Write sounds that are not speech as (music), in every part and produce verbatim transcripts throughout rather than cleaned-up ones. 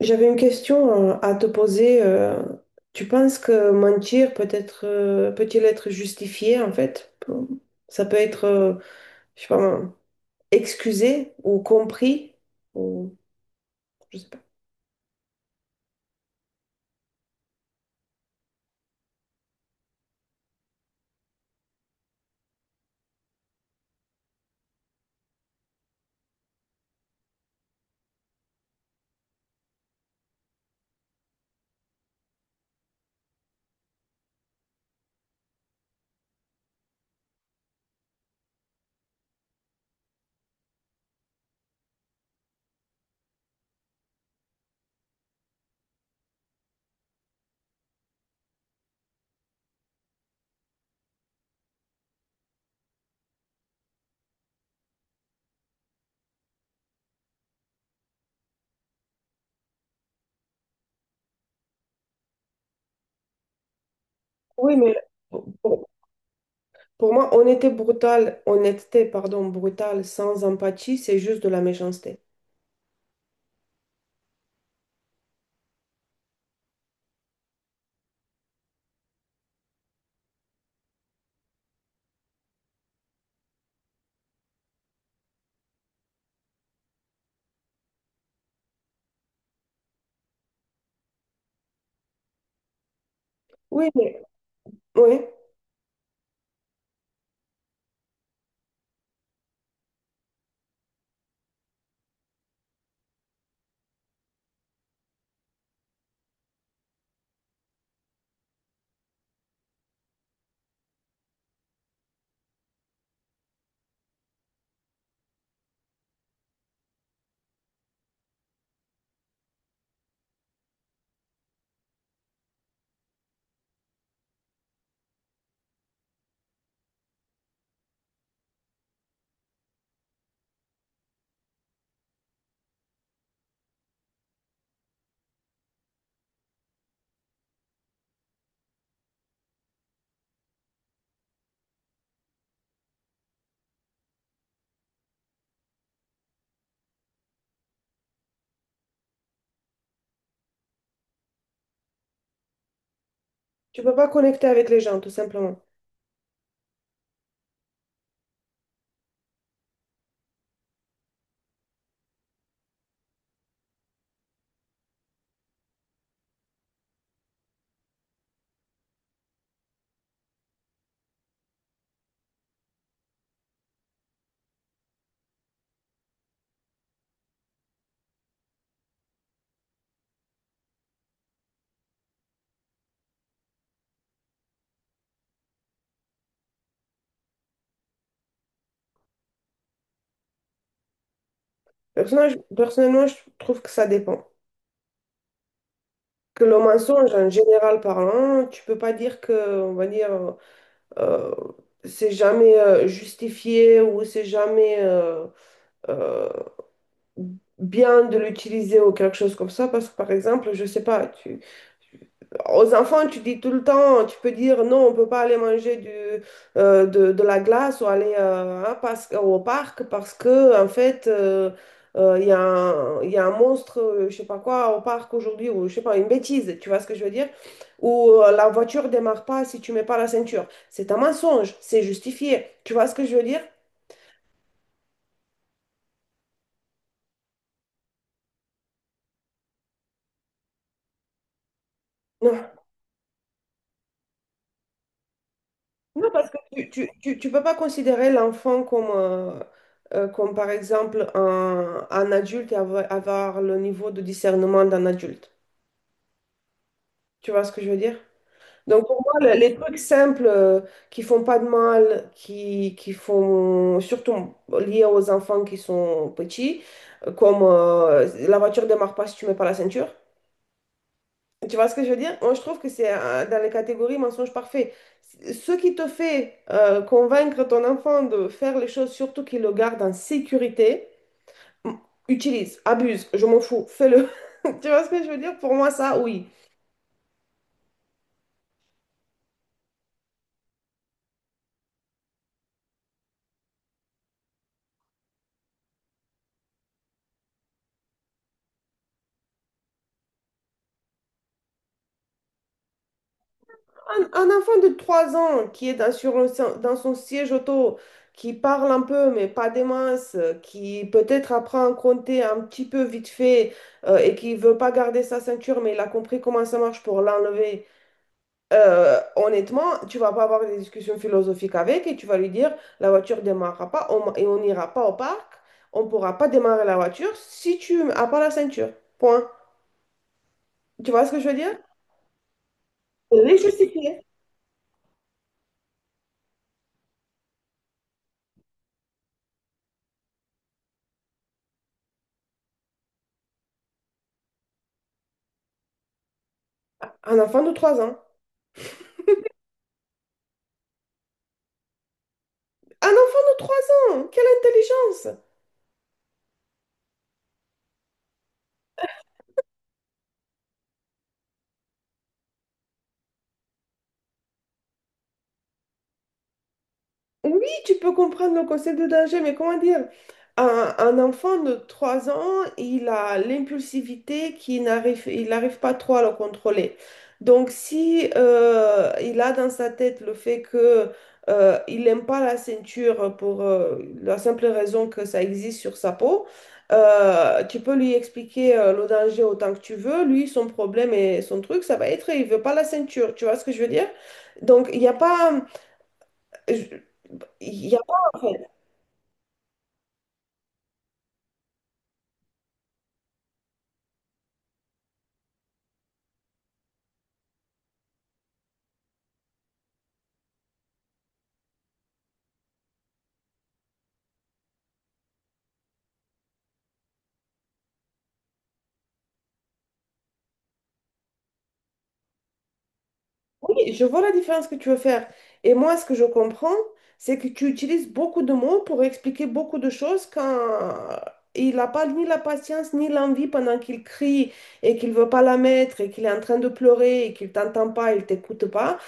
J'avais une question euh, à te poser. euh, Tu penses que mentir peut être, euh, peut-il être justifié en fait? Ça peut être, euh, je sais pas, excusé ou compris ou je sais pas. Oui, mais pour, pour moi, honnêteté brutale, honnêteté, pardon, brutale, sans empathie, c'est juste de la méchanceté. Oui, mais oui, tu peux pas connecter avec les gens, tout simplement. Personnage- personnellement, je trouve que ça dépend. Que le mensonge, en général parlant, tu peux pas dire que, on va dire, euh, euh, c'est jamais euh, justifié ou c'est jamais euh, euh, bien de l'utiliser ou quelque chose comme ça, parce que par exemple, je sais pas, tu, aux enfants, tu dis tout le temps, tu peux dire non, on peut pas aller manger du, euh, de, de la glace ou aller euh, hein, parce, au parc parce que, en fait, euh, euh, il y a un, il y a un monstre, euh, je sais pas quoi, au parc aujourd'hui, ou je sais pas, une bêtise, tu vois ce que je veux dire? Ou euh, la voiture démarre pas si tu mets pas la ceinture. C'est un mensonge, c'est justifié. Tu vois ce que je veux dire? Non, parce que tu, tu, tu, tu peux pas considérer l'enfant comme, euh, euh, comme, par exemple, un, un adulte et avoir, avoir le niveau de discernement d'un adulte. Tu vois ce que je veux dire? Donc, pour moi, le- les trucs simples euh, qui font pas de mal, qui, qui font surtout liés aux enfants qui sont petits, euh, comme euh, la voiture démarre pas si tu mets pas la ceinture, tu vois ce que je veux dire? Moi, je trouve que c'est euh, dans les catégories mensonge parfait. Ce qui te fait euh, convaincre ton enfant de faire les choses, surtout qu'il le garde en sécurité, m- utilise, abuse, je m'en fous, fais-le. (laughs) Tu vois ce que je veux dire? Pour moi, ça, oui. Un, un enfant de trois ans qui est dans, sur un si- dans son siège auto, qui parle un peu, mais pas des masses, euh, qui peut-être apprend à compter un petit peu vite fait euh, et qui veut pas garder sa ceinture, mais il a compris comment ça marche pour l'enlever. Euh, honnêtement, tu vas pas avoir des discussions philosophiques avec et tu vas lui dire la voiture démarrera pas on- et on n'ira pas au parc, on pourra pas démarrer la voiture si tu n'as pas la ceinture. Point. Tu vois ce que je veux dire? Les justifier. Un enfant de trois ans. Un enfant de trois ans! Quelle intelligence! Oui, tu peux comprendre le concept de danger, mais comment dire? Un, un enfant de trois ans, il a l'impulsivité qui n'arrive, il n'arrive pas trop à le contrôler. Donc, si euh, il a dans sa tête le fait que euh, il n'aime pas la ceinture pour euh, la simple raison que ça existe sur sa peau, euh, tu peux lui expliquer euh, le danger autant que tu veux. Lui, son problème et son truc, ça va être, il veut pas la ceinture. Tu vois ce que je veux dire? Donc, il n'y a pas. Il n'y a pas, en fait. Oui, je vois la différence que tu veux faire. Et moi, ce que je comprends, c'est que tu utilises beaucoup de mots pour expliquer beaucoup de choses quand il n'a pas ni la patience ni l'envie pendant qu'il crie et qu'il veut pas la mettre et qu'il est en train de pleurer et qu'il t'entend pas, il t'écoute pas.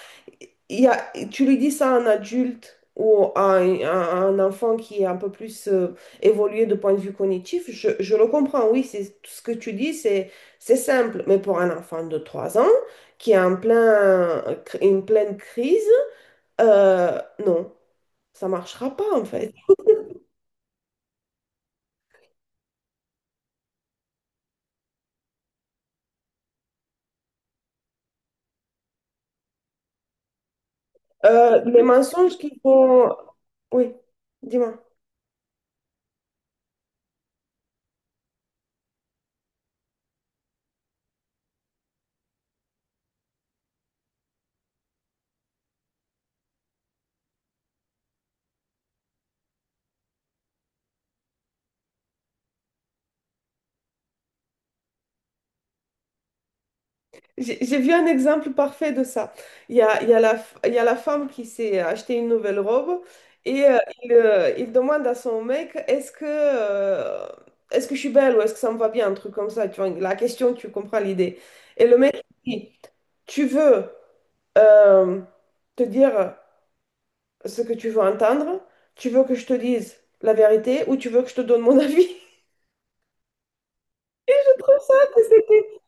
il y a- Tu lui dis ça à un adulte ou à un, à un enfant qui est un peu plus euh, évolué de point de vue cognitif, je, je le comprends, oui, c'est tout ce que tu dis, c'est c'est simple, mais pour un enfant de trois ans qui est en plein, une pleine crise, euh, non, ça marchera pas en fait. Euh, les mensonges qui vont... Oui, dis-moi. J'ai j'ai vu un exemple parfait de ça. Il y a, il y a la, f- il y a la femme qui s'est acheté une nouvelle robe et euh, il, euh, il demande à son mec, est-ce que, euh, est-ce que je suis belle ou est-ce que ça me va bien, un truc comme ça. Tu vois, la question, tu comprends l'idée. Et le mec dit, tu veux euh, te dire ce que tu veux entendre, tu veux que je te dise la vérité ou tu veux que je te donne mon avis. (laughs) Et je trouve ça que c'était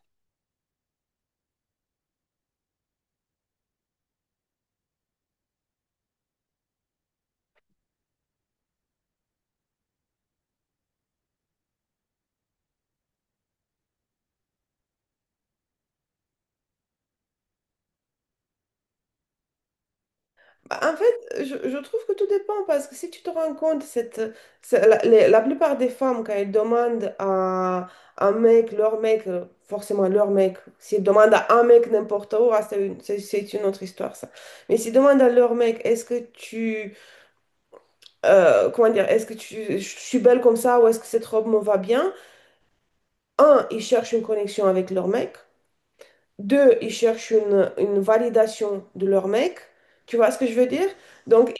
Bah, en fait, je, je trouve que tout dépend parce que si tu te rends compte, cette, c'est- la, les- la plupart des femmes, quand elles demandent à un mec, leur mec, euh, forcément leur mec, s'ils demandent à un mec n'importe où, ah, c'est une, c'est c'est une autre histoire ça. Mais s'ils demandent à leur mec, est-ce que tu, euh, comment dire, est-ce que tu, je suis belle comme ça ou est-ce que cette robe me va bien? Un, ils cherchent une connexion avec leur mec. Deux, ils cherchent une, une validation de leur mec. Tu vois ce que je veux dire? Donc,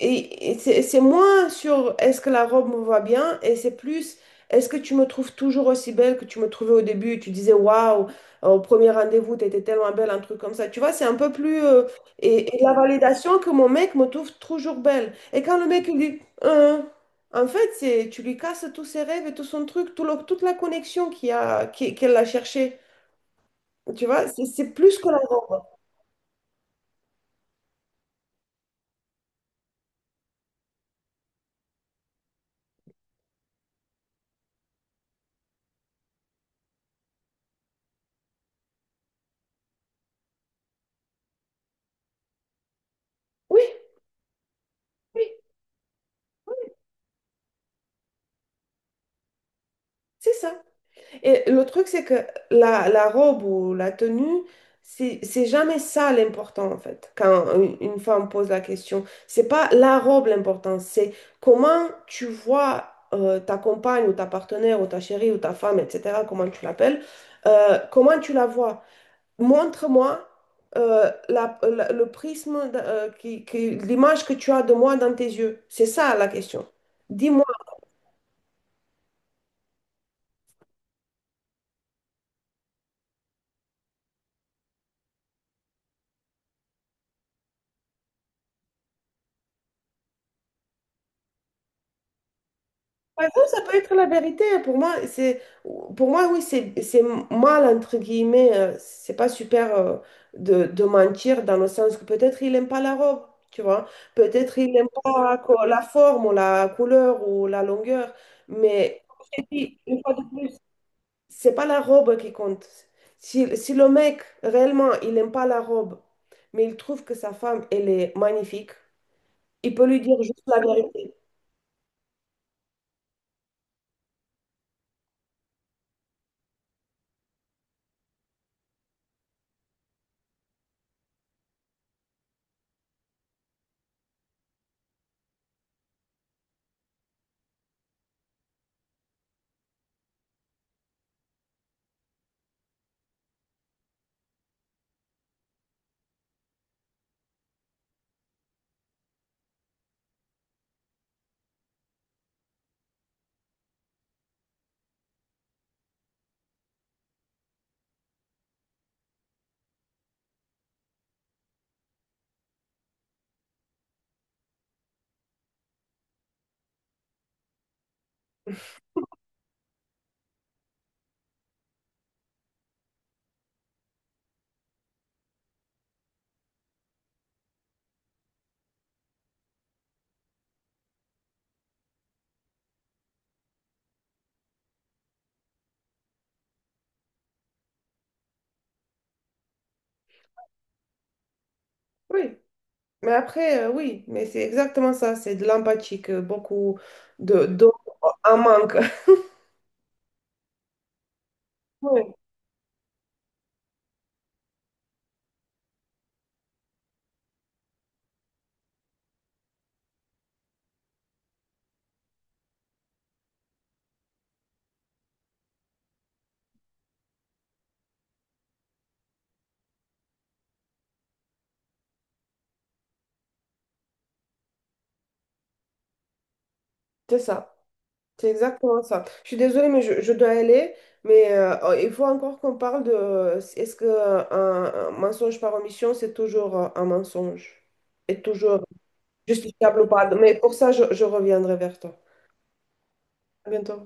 et, et c'est c'est moins sur est-ce que la robe me va bien et c'est plus est-ce que tu me trouves toujours aussi belle que tu me trouvais au début? Tu disais waouh, euh, au premier rendez-vous, t'étais tellement belle, un truc comme ça. Tu vois, c'est un peu plus. Euh, et, et la validation que mon mec me trouve toujours belle. Et quand le mec il dit Euh, en fait, c'est, tu lui casses tous ses rêves et tout son truc, tout le- toute la connexion qu'il y a, qui- qu'elle a cherchée. Tu vois, c'est c'est plus que la robe. Oui, oui, c'est ça. Et le truc, c'est que la, la robe ou la tenue, c'est c'est jamais ça l'important, en fait, quand une une femme pose la question. C'est pas la robe l'important, c'est comment tu vois euh, ta compagne ou ta partenaire ou ta chérie ou ta femme, et cetera, comment tu l'appelles, euh, comment tu la vois. Montre-moi euh, la- la- le prisme, de- euh, qui, qui- l'image que tu as de moi dans tes yeux. C'est ça la question. Dis-moi. Par exemple, ça peut être la vérité, hein. Pour moi, c'est, pour moi, oui, c'est, c'est mal, entre guillemets. euh, C'est pas super euh, de, de mentir dans le sens que peut-être il n'aime pas la robe, tu vois. Peut-être il n'aime pas co- la forme ou la couleur ou la longueur. Mais comme je t'ai dit, une fois de plus, c'est pas la robe qui compte. Si, si le mec, réellement, il n'aime pas la robe, mais il trouve que sa femme, elle est magnifique, il peut lui dire juste la vérité. Oui. Mais après, euh, oui, mais c'est exactement ça, c'est de l'empathie que beaucoup de d'hommes en manque. (laughs) Oui, c'est ça, c'est exactement ça. Je suis désolée, mais je, je dois aller, mais euh, il faut encore qu'on parle de euh, est-ce que euh, un, un mensonge par omission, c'est toujours euh, un mensonge? Est toujours justifiable ou pas? Mais pour ça, je, je reviendrai vers toi. À bientôt.